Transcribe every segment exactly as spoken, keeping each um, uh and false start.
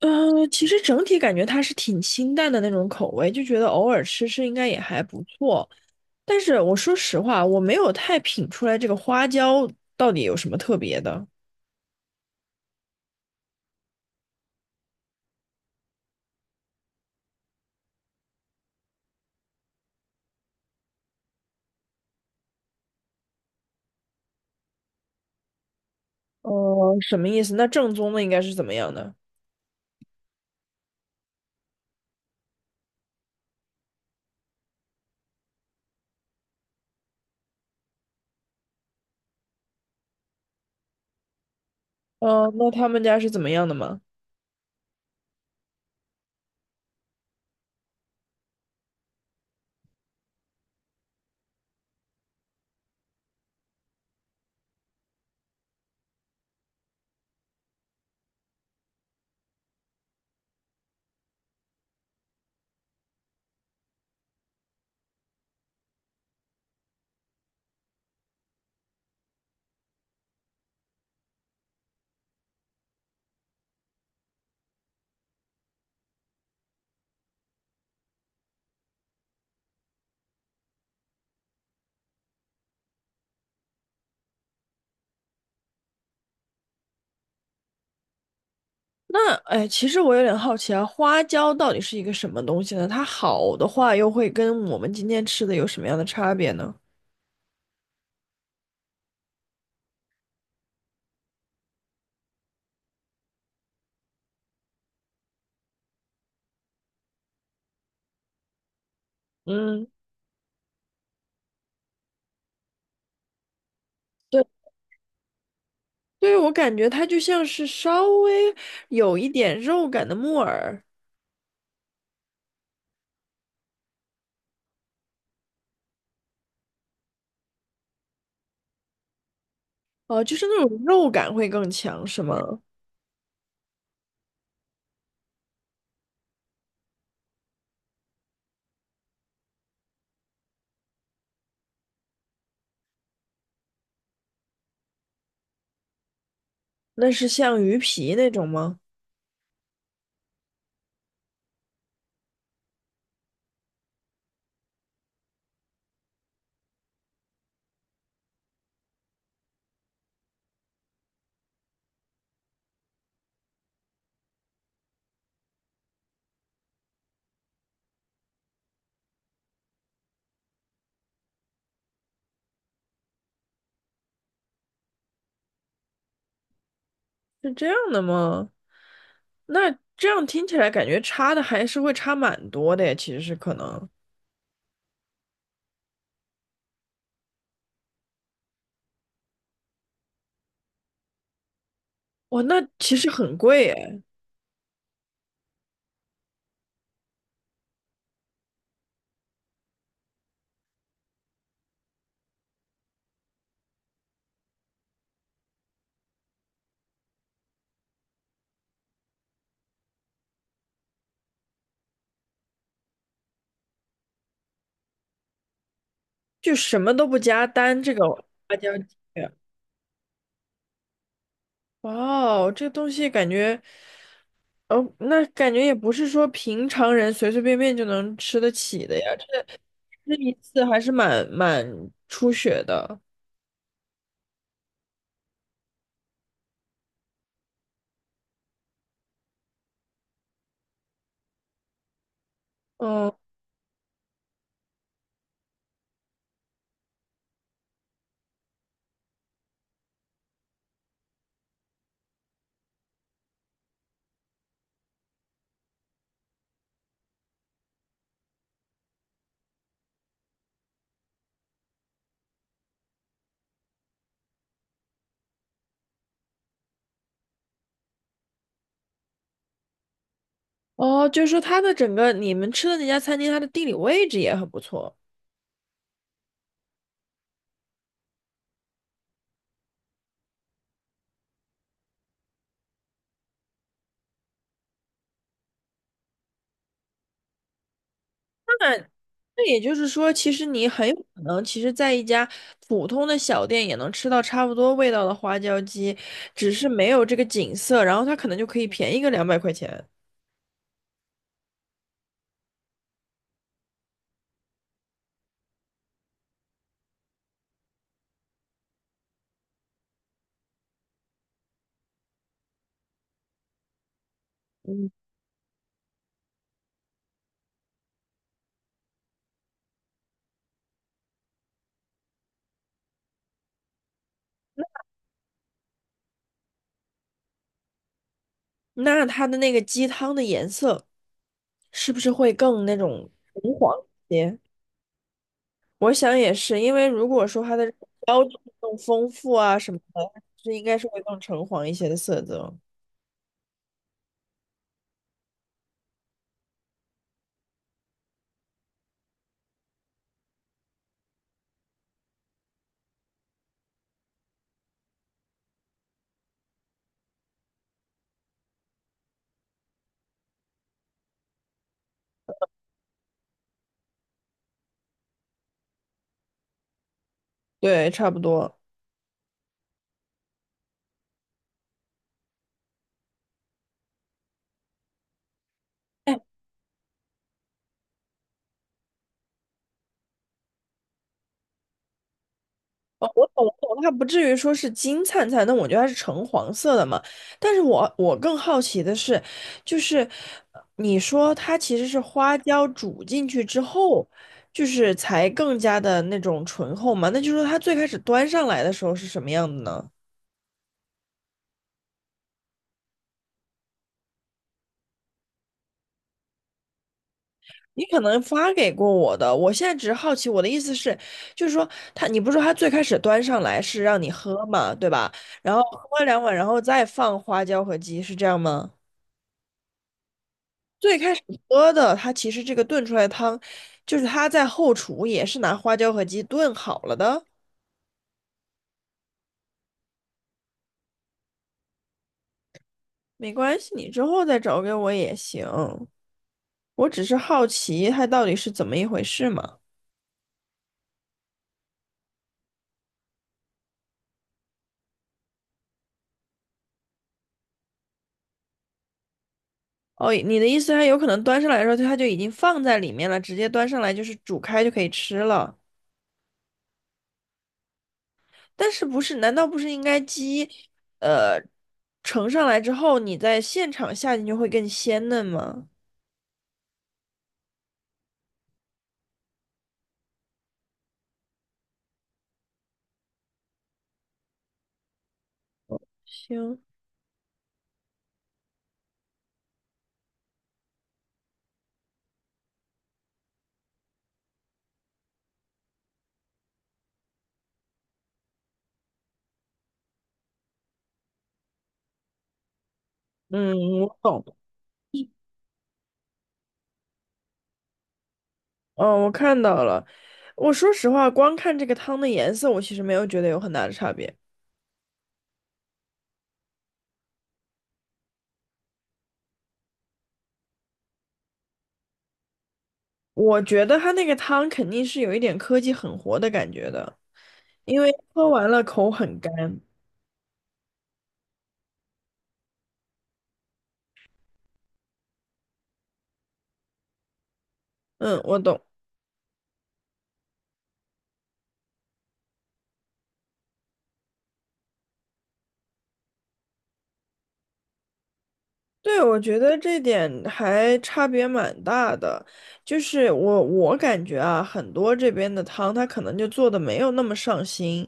嗯，其实整体感觉它是挺清淡的那种口味，就觉得偶尔吃吃应该也还不错。但是我说实话，我没有太品出来这个花椒到底有什么特别的。呃，什么意思？那正宗的应该是怎么样的？呃，那他们家是怎么样的吗？那哎，其实我有点好奇啊，花椒到底是一个什么东西呢？它好的话，又会跟我们今天吃的有什么样的差别呢？嗯，对。对，我感觉它就像是稍微有一点肉感的木耳，哦、就是那种肉感会更强，是吗？那是像鱼皮那种吗？是这样的吗？那这样听起来感觉差的还是会差蛮多的耶，其实是可能。哇，那其实很贵哎，就什么都不加，单这个花椒鸡哇哦，这东西感觉，哦，那感觉也不是说平常人随随便便就能吃得起的呀。那一次还是蛮蛮出血的。嗯，哦，就是说它的整个你们吃的那家餐厅，它的地理位置也很不错。那也就是说，其实你很有可能，其实在一家普通的小店也能吃到差不多味道的花椒鸡，只是没有这个景色，然后它可能就可以便宜个两百块钱。嗯，那它的那个鸡汤的颜色是不是会更那种红黄一些？我想也是，因为如果说它的标志更丰富啊什么的，是应该是会更橙黄一些的色泽。对，差不多。哎，哦我懂我懂，它不至于说是金灿灿，那我觉得它是橙黄色的嘛。但是我我更好奇的是，就是呃你说它其实是花椒煮进去之后，就是才更加的那种醇厚嘛？那就是说它最开始端上来的时候是什么样的呢？你可能发给过我的，我现在只是好奇。我的意思是，就是说他，你不是说他最开始端上来是让你喝嘛，对吧？然后喝两碗，然后再放花椒和鸡，是这样吗？最开始喝的，它其实这个炖出来的汤，就是它在后厨也是拿花椒和鸡炖好了的，没关系，你之后再找给我也行。我只是好奇它到底是怎么一回事嘛。哦，你的意思，它有可能端上来的时候，它就已经放在里面了，直接端上来就是煮开就可以吃了。但是不是？难道不是应该鸡，呃，盛上来之后，你在现场下进去会更鲜嫩吗？行，嗯，我懂了。嗯，我看到了。我说实话，光看这个汤的颜色，我其实没有觉得有很大的差别。我觉得它那个汤肯定是有一点科技狠活的感觉的，因为喝完了口很干。嗯，我懂。对，我觉得这点还差别蛮大的，就是我我感觉啊，很多这边的汤他可能就做的没有那么上心，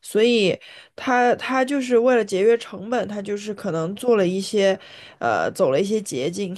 所以他他就是为了节约成本，他就是可能做了一些，呃，走了一些捷径，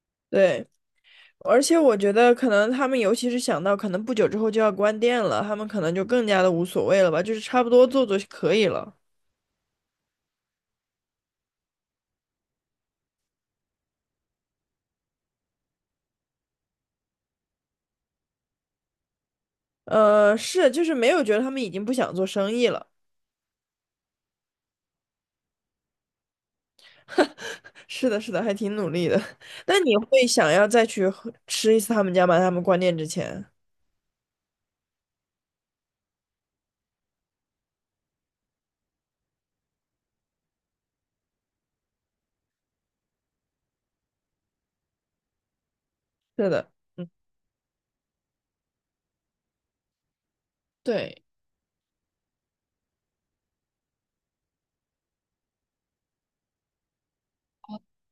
对，而且我觉得可能他们尤其是想到可能不久之后就要关店了，他们可能就更加的无所谓了吧，就是差不多做做就可以了，呃，是，就是没有觉得他们已经不想做生意了。是的，是的，还挺努力的。那你会想要再去喝吃一次他们家吗？他们关店之前。是的，嗯，对，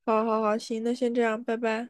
好好好，行，那先这样，拜拜。